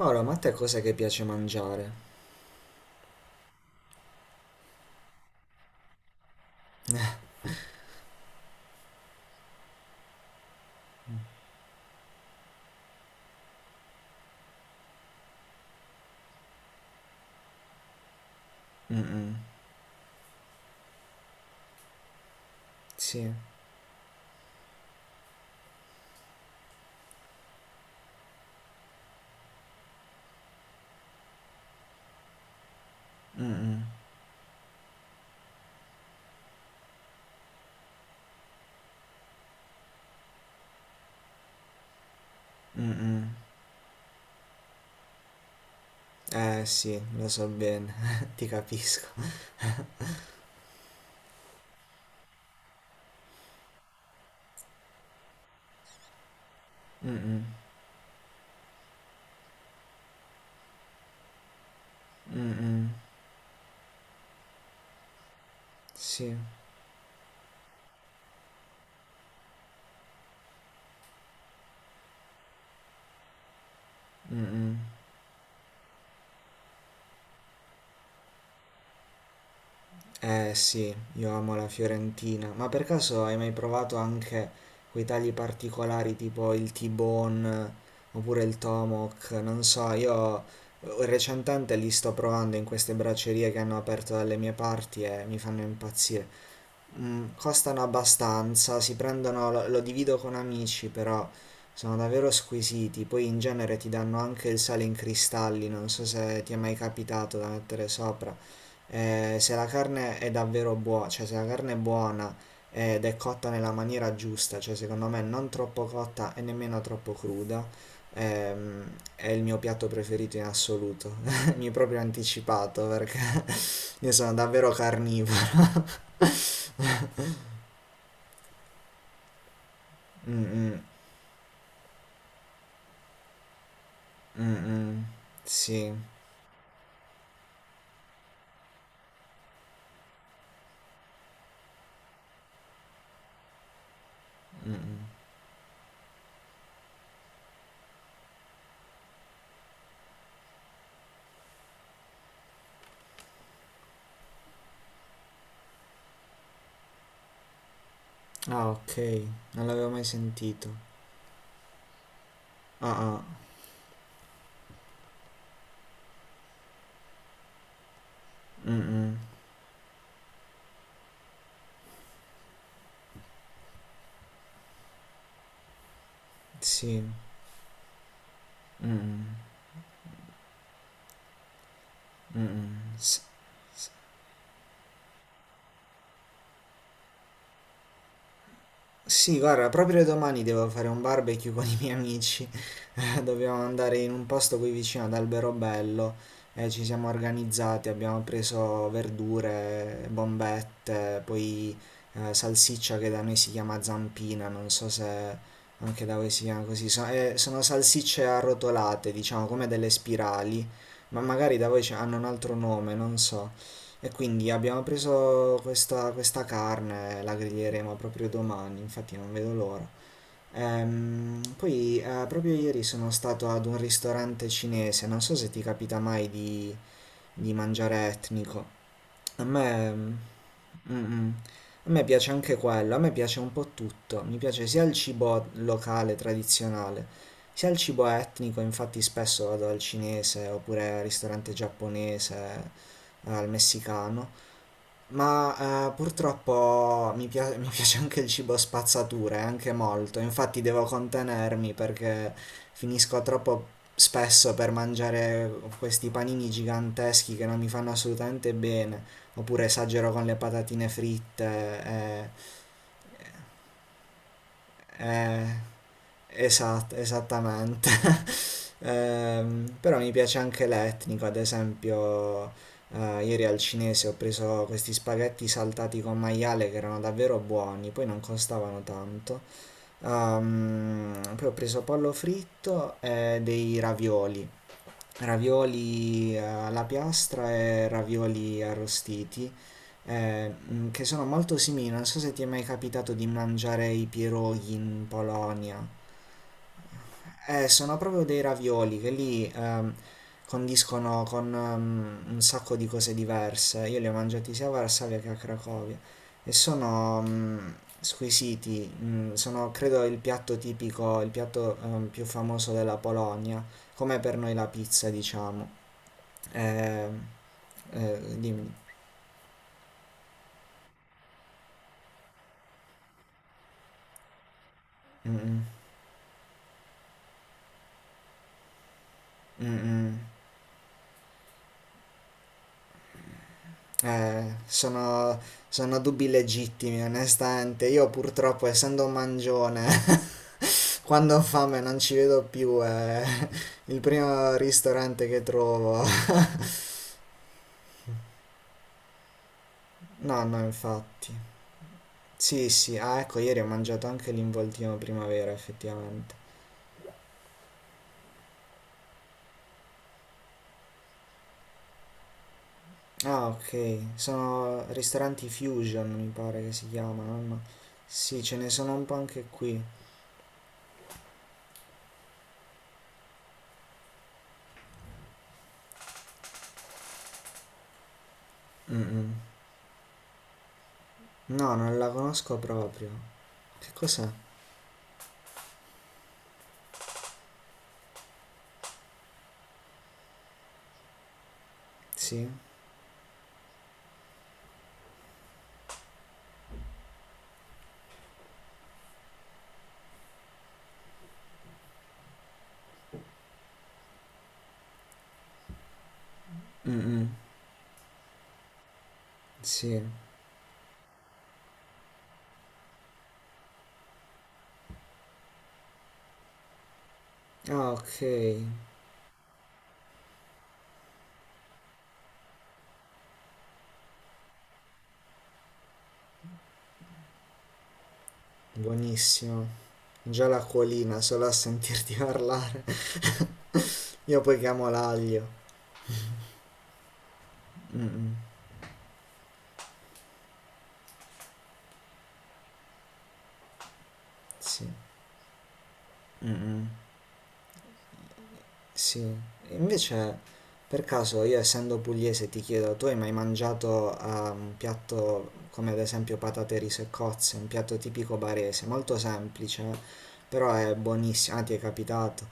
Paolo, ma a te cos'è che piace mangiare? Mm-mm. Sì, eh sì, lo so bene, ti capisco. Sì, eh sì, io amo la Fiorentina. Ma per caso hai mai provato anche quei tagli particolari tipo il T-bone oppure il Tomahawk? Non so, io recentemente li sto provando in queste braccerie che hanno aperto dalle mie parti e mi fanno impazzire. Mm, costano abbastanza, si prendono, lo, lo divido con amici, però sono davvero squisiti. Poi in genere ti danno anche il sale in cristalli, non so se ti è mai capitato da mettere sopra. Se la carne è davvero buona, cioè se la carne è buona ed è cotta nella maniera giusta, cioè secondo me non troppo cotta e nemmeno troppo cruda, ehm, è il mio piatto preferito in assoluto. Mi hai proprio anticipato perché io sono davvero carnivoro. Mm, mm. Mh-mh. Sì. Ah, okay. Non l'avevo mai sentito. Ah-ah. Mh-mh. Sì. Mh-mh. S Sì, guarda, proprio domani devo fare un barbecue con i miei amici. Dobbiamo andare in un posto qui vicino ad Alberobello. E ci siamo organizzati, abbiamo preso verdure, bombette, poi salsiccia che da noi si chiama zampina, non so se anche da voi si chiama così. Sono salsicce arrotolate, diciamo, come delle spirali, ma magari da voi hanno un altro nome, non so. E quindi abbiamo preso questa carne, la griglieremo proprio domani, infatti non vedo l'ora. Poi proprio ieri sono stato ad un ristorante cinese, non so se ti capita mai di, di mangiare etnico. A me, mm, mm, mm, a me piace anche quello, a me piace un po' tutto, mi piace sia il cibo locale, tradizionale, sia il cibo etnico, infatti spesso vado al cinese oppure al ristorante giapponese, al messicano. Ma purtroppo mi piace anche il cibo spazzatura, e anche molto, infatti devo contenermi perché finisco troppo spesso per mangiare questi panini giganteschi che non mi fanno assolutamente bene, oppure esagero con le patatine fritte. Eh, Esatto, esattamente. Però mi piace anche l'etnico, ad esempio, ieri al cinese ho preso questi spaghetti saltati con maiale che erano davvero buoni, poi non costavano tanto. Poi ho preso pollo fritto e dei ravioli. Ravioli alla piastra e ravioli arrostiti, che sono molto simili. Non so se ti è mai capitato di mangiare i pierogi in Polonia. Sono proprio dei ravioli che lì condiscono con un sacco di cose diverse. Io li ho mangiati sia a Varsavia che a Cracovia e sono squisiti. Mm, sono, credo, il piatto tipico, il piatto più famoso della Polonia, come per noi la pizza, diciamo. Eh, dimmi. Mm, mm, mm, mm. Sono, sono dubbi legittimi, onestamente. Io purtroppo, essendo un mangione, quando ho fame non ci vedo più, è il primo ristorante che trovo. No, no, infatti. Sì, sì, ah, ecco, ieri ho mangiato anche l'involtino primavera, effettivamente. Ah, ok, sono ristoranti fusion, mi pare che si chiamano, no? Sì, ce ne sono un po' anche qui. Mm-mm. No, non la conosco proprio. Che cos'è? Sì? Mm-mm. Sì. Ah, ok, buonissimo. Già l'acquolina solo a sentirti parlare. Io poi chiamo l'aglio. Mm, mm, sì. Mm-mm. Sì, invece per caso io essendo pugliese ti chiedo, tu hai mai mangiato ah, un piatto come ad esempio patate, riso e cozze, un piatto tipico barese, molto semplice, però è buonissimo, ah ti è capitato,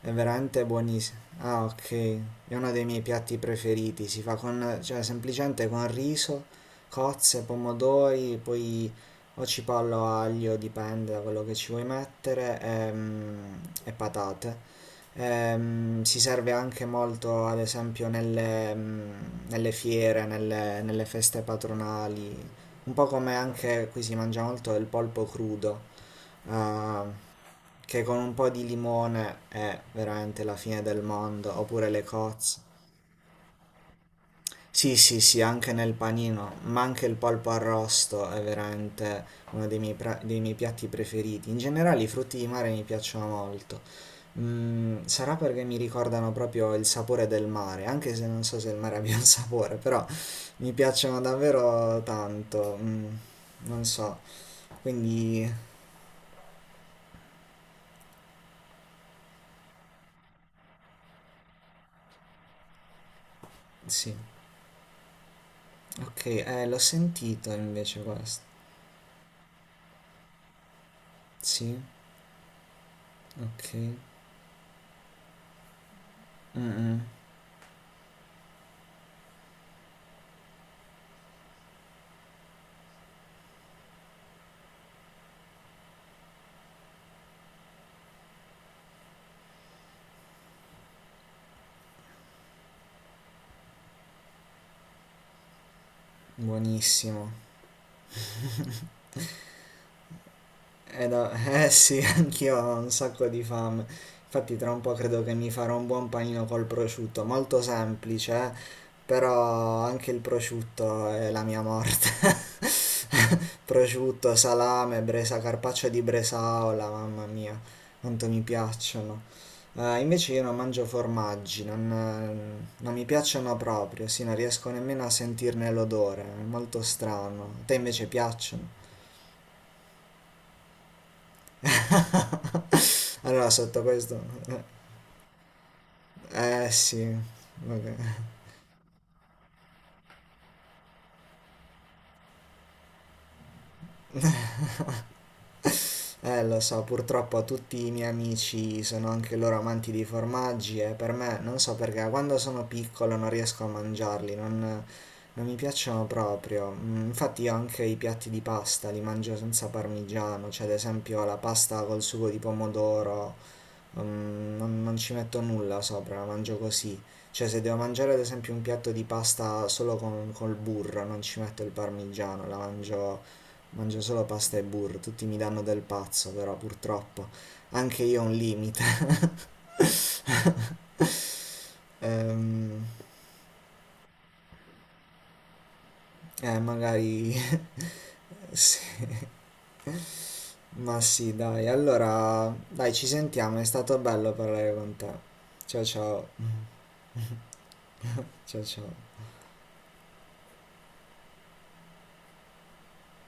è veramente buonissimo. Ah ok, è uno dei miei piatti preferiti, si fa con, cioè semplicemente con riso, cozze, pomodori, poi o cipollo, aglio, dipende da quello che ci vuoi mettere, e, e patate. Si serve anche molto, ad esempio, nelle, nelle fiere, nelle, nelle feste patronali, un po' come anche qui si mangia molto del polpo crudo, eh, che con un po' di limone è veramente la fine del mondo, oppure le cozze. Sì, sì, sì, anche nel panino, ma anche il polpo arrosto è veramente uno dei miei, dei miei piatti preferiti. In generale i frutti di mare mi piacciono molto. Mm, sarà perché mi ricordano proprio il sapore del mare, anche se non so se il mare abbia un sapore, però mi piacciono davvero tanto. Non so, quindi sì. Ok, l'ho sentito invece questo. Sì, ok. Mm, mm, buonissimo. No, eh sì, anch'io ho un sacco di fame. Infatti tra un po' credo che mi farò un buon panino col prosciutto, molto semplice, però anche il prosciutto è la mia morte. Prosciutto, salame, bresa, carpaccio di bresaola, mamma mia, quanto mi piacciono. Invece io non mangio formaggi, non, non mi piacciono proprio, sì, non riesco nemmeno a sentirne l'odore, è molto strano. A te invece piacciono? Allora, sotto questo... Eh sì, vabbè. Lo so, purtroppo tutti i miei amici sono anche loro amanti di formaggi e per me, non so perché, quando sono piccolo non riesco a mangiarli, non, non mi piacciono proprio. Mm, infatti io anche i piatti di pasta li mangio senza parmigiano, cioè ad esempio la pasta col sugo di pomodoro non, non ci metto nulla sopra, la mangio così. Cioè, se devo mangiare ad esempio un piatto di pasta solo con, col burro, non ci metto il parmigiano, la mangio, mangio solo pasta e burro. Tutti mi danno del pazzo, però purtroppo anche io ho un limite. Ehm, magari sì, ma sì, dai. Allora, dai, ci sentiamo, è stato bello parlare con te. Ciao ciao, ciao ciao.